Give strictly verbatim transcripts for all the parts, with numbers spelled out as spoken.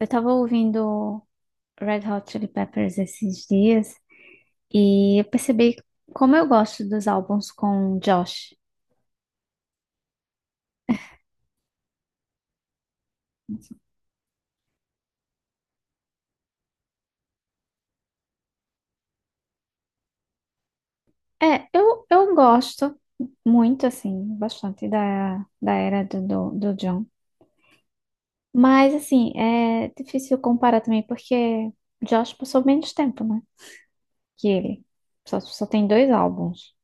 Eu tava ouvindo Red Hot Chili Peppers esses dias e eu percebi como eu gosto dos álbuns com Josh. É, eu, eu gosto muito, assim, bastante da, da era do, do, do John. Mas, assim, é difícil comparar também porque Josh passou menos tempo, né? Que ele. Só, só tem dois álbuns.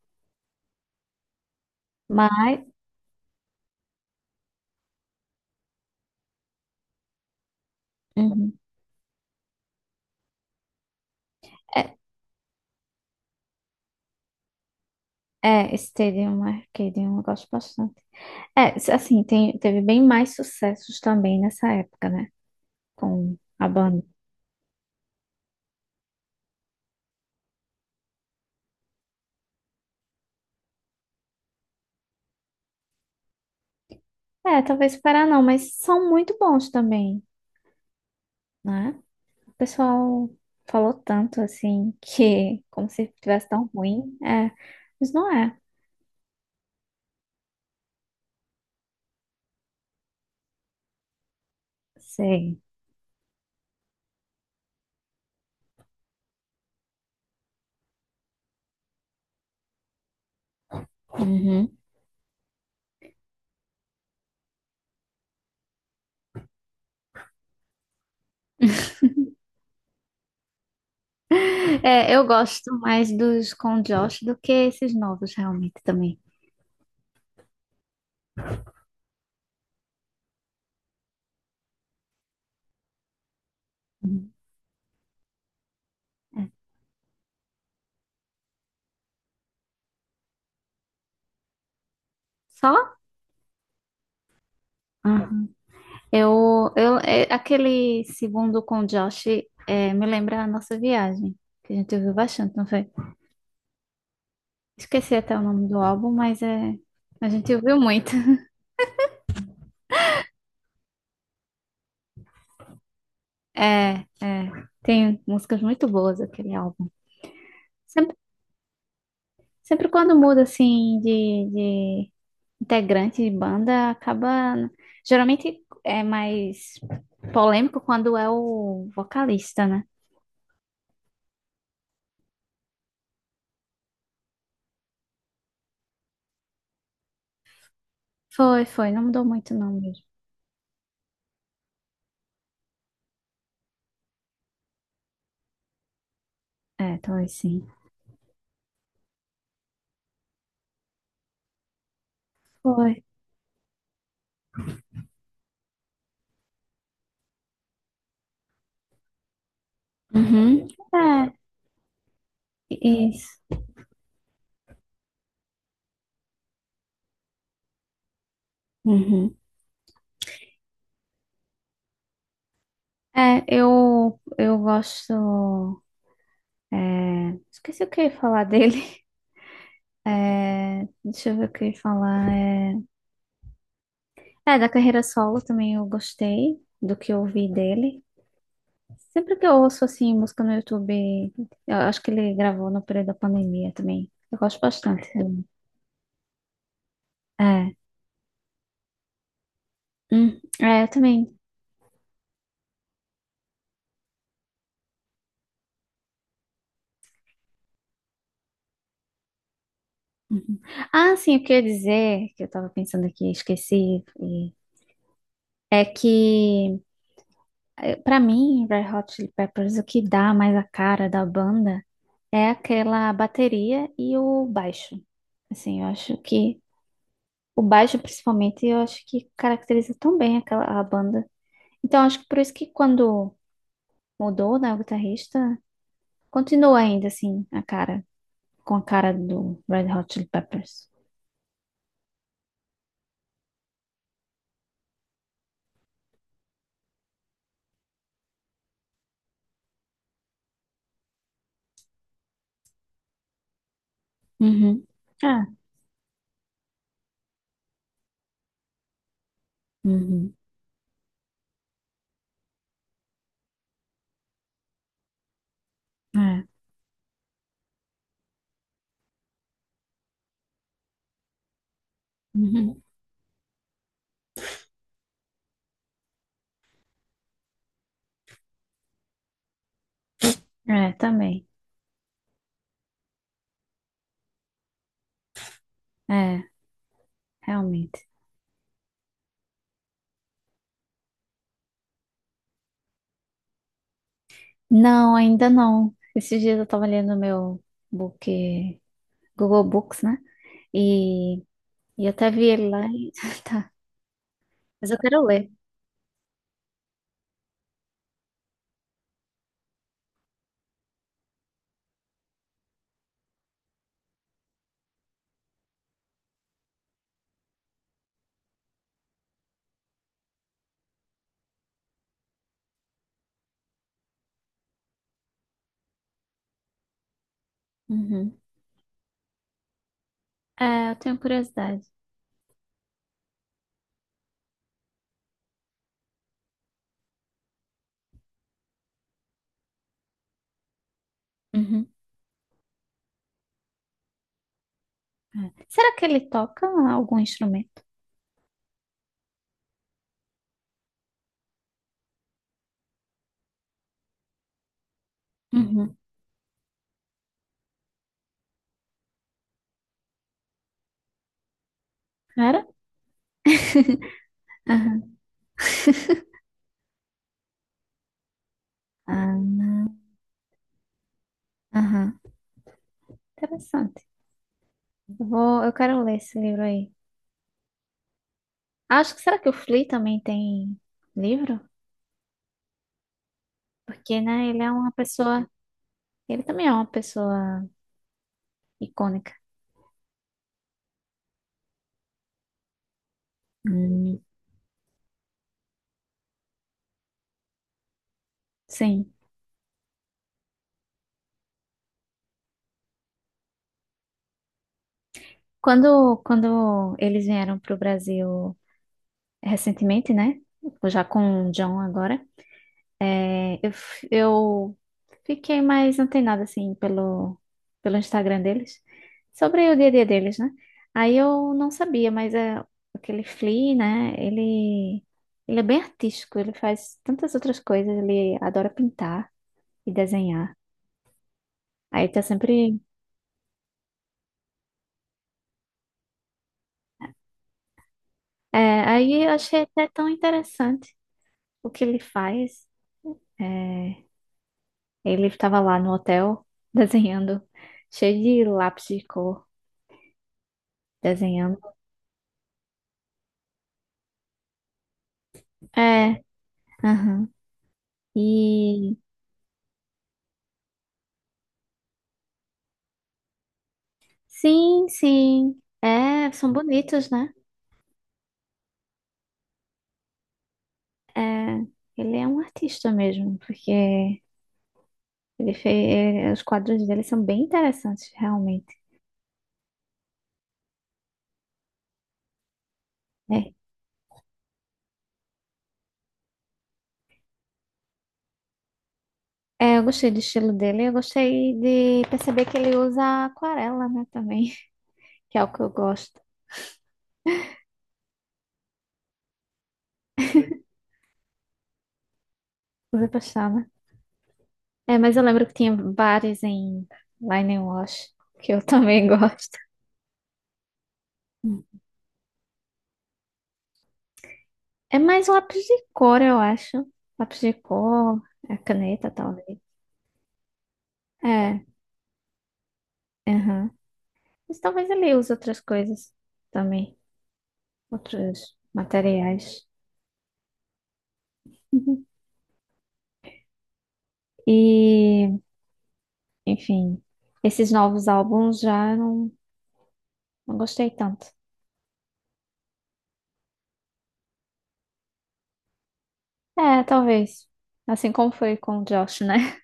Mas, uhum. É, é Stadium Arcadium, eu gosto bastante. É, s- assim, tem- teve bem mais sucessos também nessa época, né? Com a banda. É, talvez Pará não, mas são muito bons também, né? O pessoal falou tanto, assim, que como se tivesse tão ruim. É, mas não é. Sei. Uhum. É, eu gosto mais dos com Josh do que esses novos, realmente, também. Uhum. É. Só? Eu, eu, é, aquele segundo com o Josh é, me lembra a nossa viagem, que a gente ouviu bastante, não foi? Esqueci até o nome do álbum, mas é, a gente ouviu muito. É, é, tem músicas muito boas aquele álbum. Sempre, sempre quando muda, assim, de, de integrante de banda, acaba... Geralmente é mais polêmico quando é o vocalista, né? Foi, foi, não mudou muito não mesmo. É, talvez sim. Foi. Uhum. Isso. Uhum. É, eu, eu gosto. É, esqueci o que eu ia falar dele. É, deixa eu ver o que eu ia falar. É, é, da carreira solo também eu gostei do que eu ouvi dele. Sempre que eu ouço assim música no YouTube, eu acho que ele gravou no período da pandemia também. Eu gosto bastante. É. Hum, é, eu também. Ah, sim, o que eu ia dizer, que eu tava pensando aqui, esqueci, e- é que para mim, Red Hot Chili Peppers, o que dá mais a cara da banda é aquela bateria e o baixo. Assim, eu acho que o baixo, principalmente, eu acho que caracteriza tão bem aquela a banda. Então, acho que por isso que quando mudou, né, o guitarrista, continua ainda assim a cara, com a cara do Red Hot Chili Peppers. Uhum. É. Uhum. É. Uhum. É, também. É, realmente. Não, ainda não. Esses dias eu tava lendo meu book, Google Books, né? E, e até vi ele lá e tá. Mas eu quero ler. Uhum. É, eu tenho curiosidade. Uhum. É. Será que ele toca algum instrumento? Uhum. Era? Aham. Ah, não. Aham. Interessante. Eu vou, eu quero ler esse livro aí. Acho que será que o Flea também tem livro? Porque, né, ele é uma pessoa, ele também é uma pessoa icônica. Hum, sim. Quando, quando eles vieram para o Brasil recentemente, né? Já com o John agora, é, eu, f- eu fiquei mais antenada, assim, pelo, pelo Instagram deles, sobre o dia a dia deles, né? Aí eu não sabia, mas é, aquele Flea, né? Ele, ele é bem artístico, ele faz tantas outras coisas, ele adora pintar e desenhar. Aí tá sempre. É, aí eu achei até tão interessante o que ele faz. É, ele estava lá no hotel desenhando, cheio de lápis de cor, desenhando. É, aham. E sim, sim. É, são bonitos, né? É, ele é um artista mesmo, porque ele fez, é, os quadros dele são bem interessantes, realmente. É. É, eu gostei do estilo dele, eu gostei de perceber que ele usa aquarela, né, também, que é o que eu gosto. Usa pastel, é, mas eu lembro que tinha bares em lá Wash, que eu também gosto. É mais lápis de cor, eu acho. Lápis de cor, a caneta, talvez. É, aham. Mas talvez ele use outras coisas também, outros materiais. E, enfim, esses novos álbuns já não, não gostei tanto. É, talvez. Assim como foi com o Josh, né?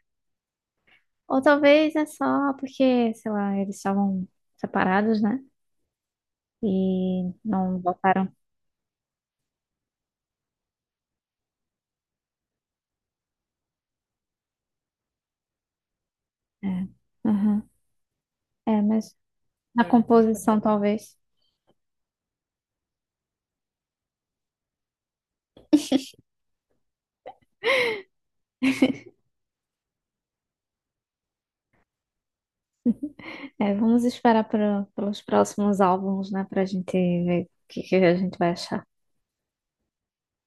Ou talvez é só porque, sei lá, eles estavam separados, né, e não voltaram. É, aham. É, mas na, é, composição talvez. É, vamos esperar para pelos próximos álbuns, né, para a gente ver o que, que a gente vai achar.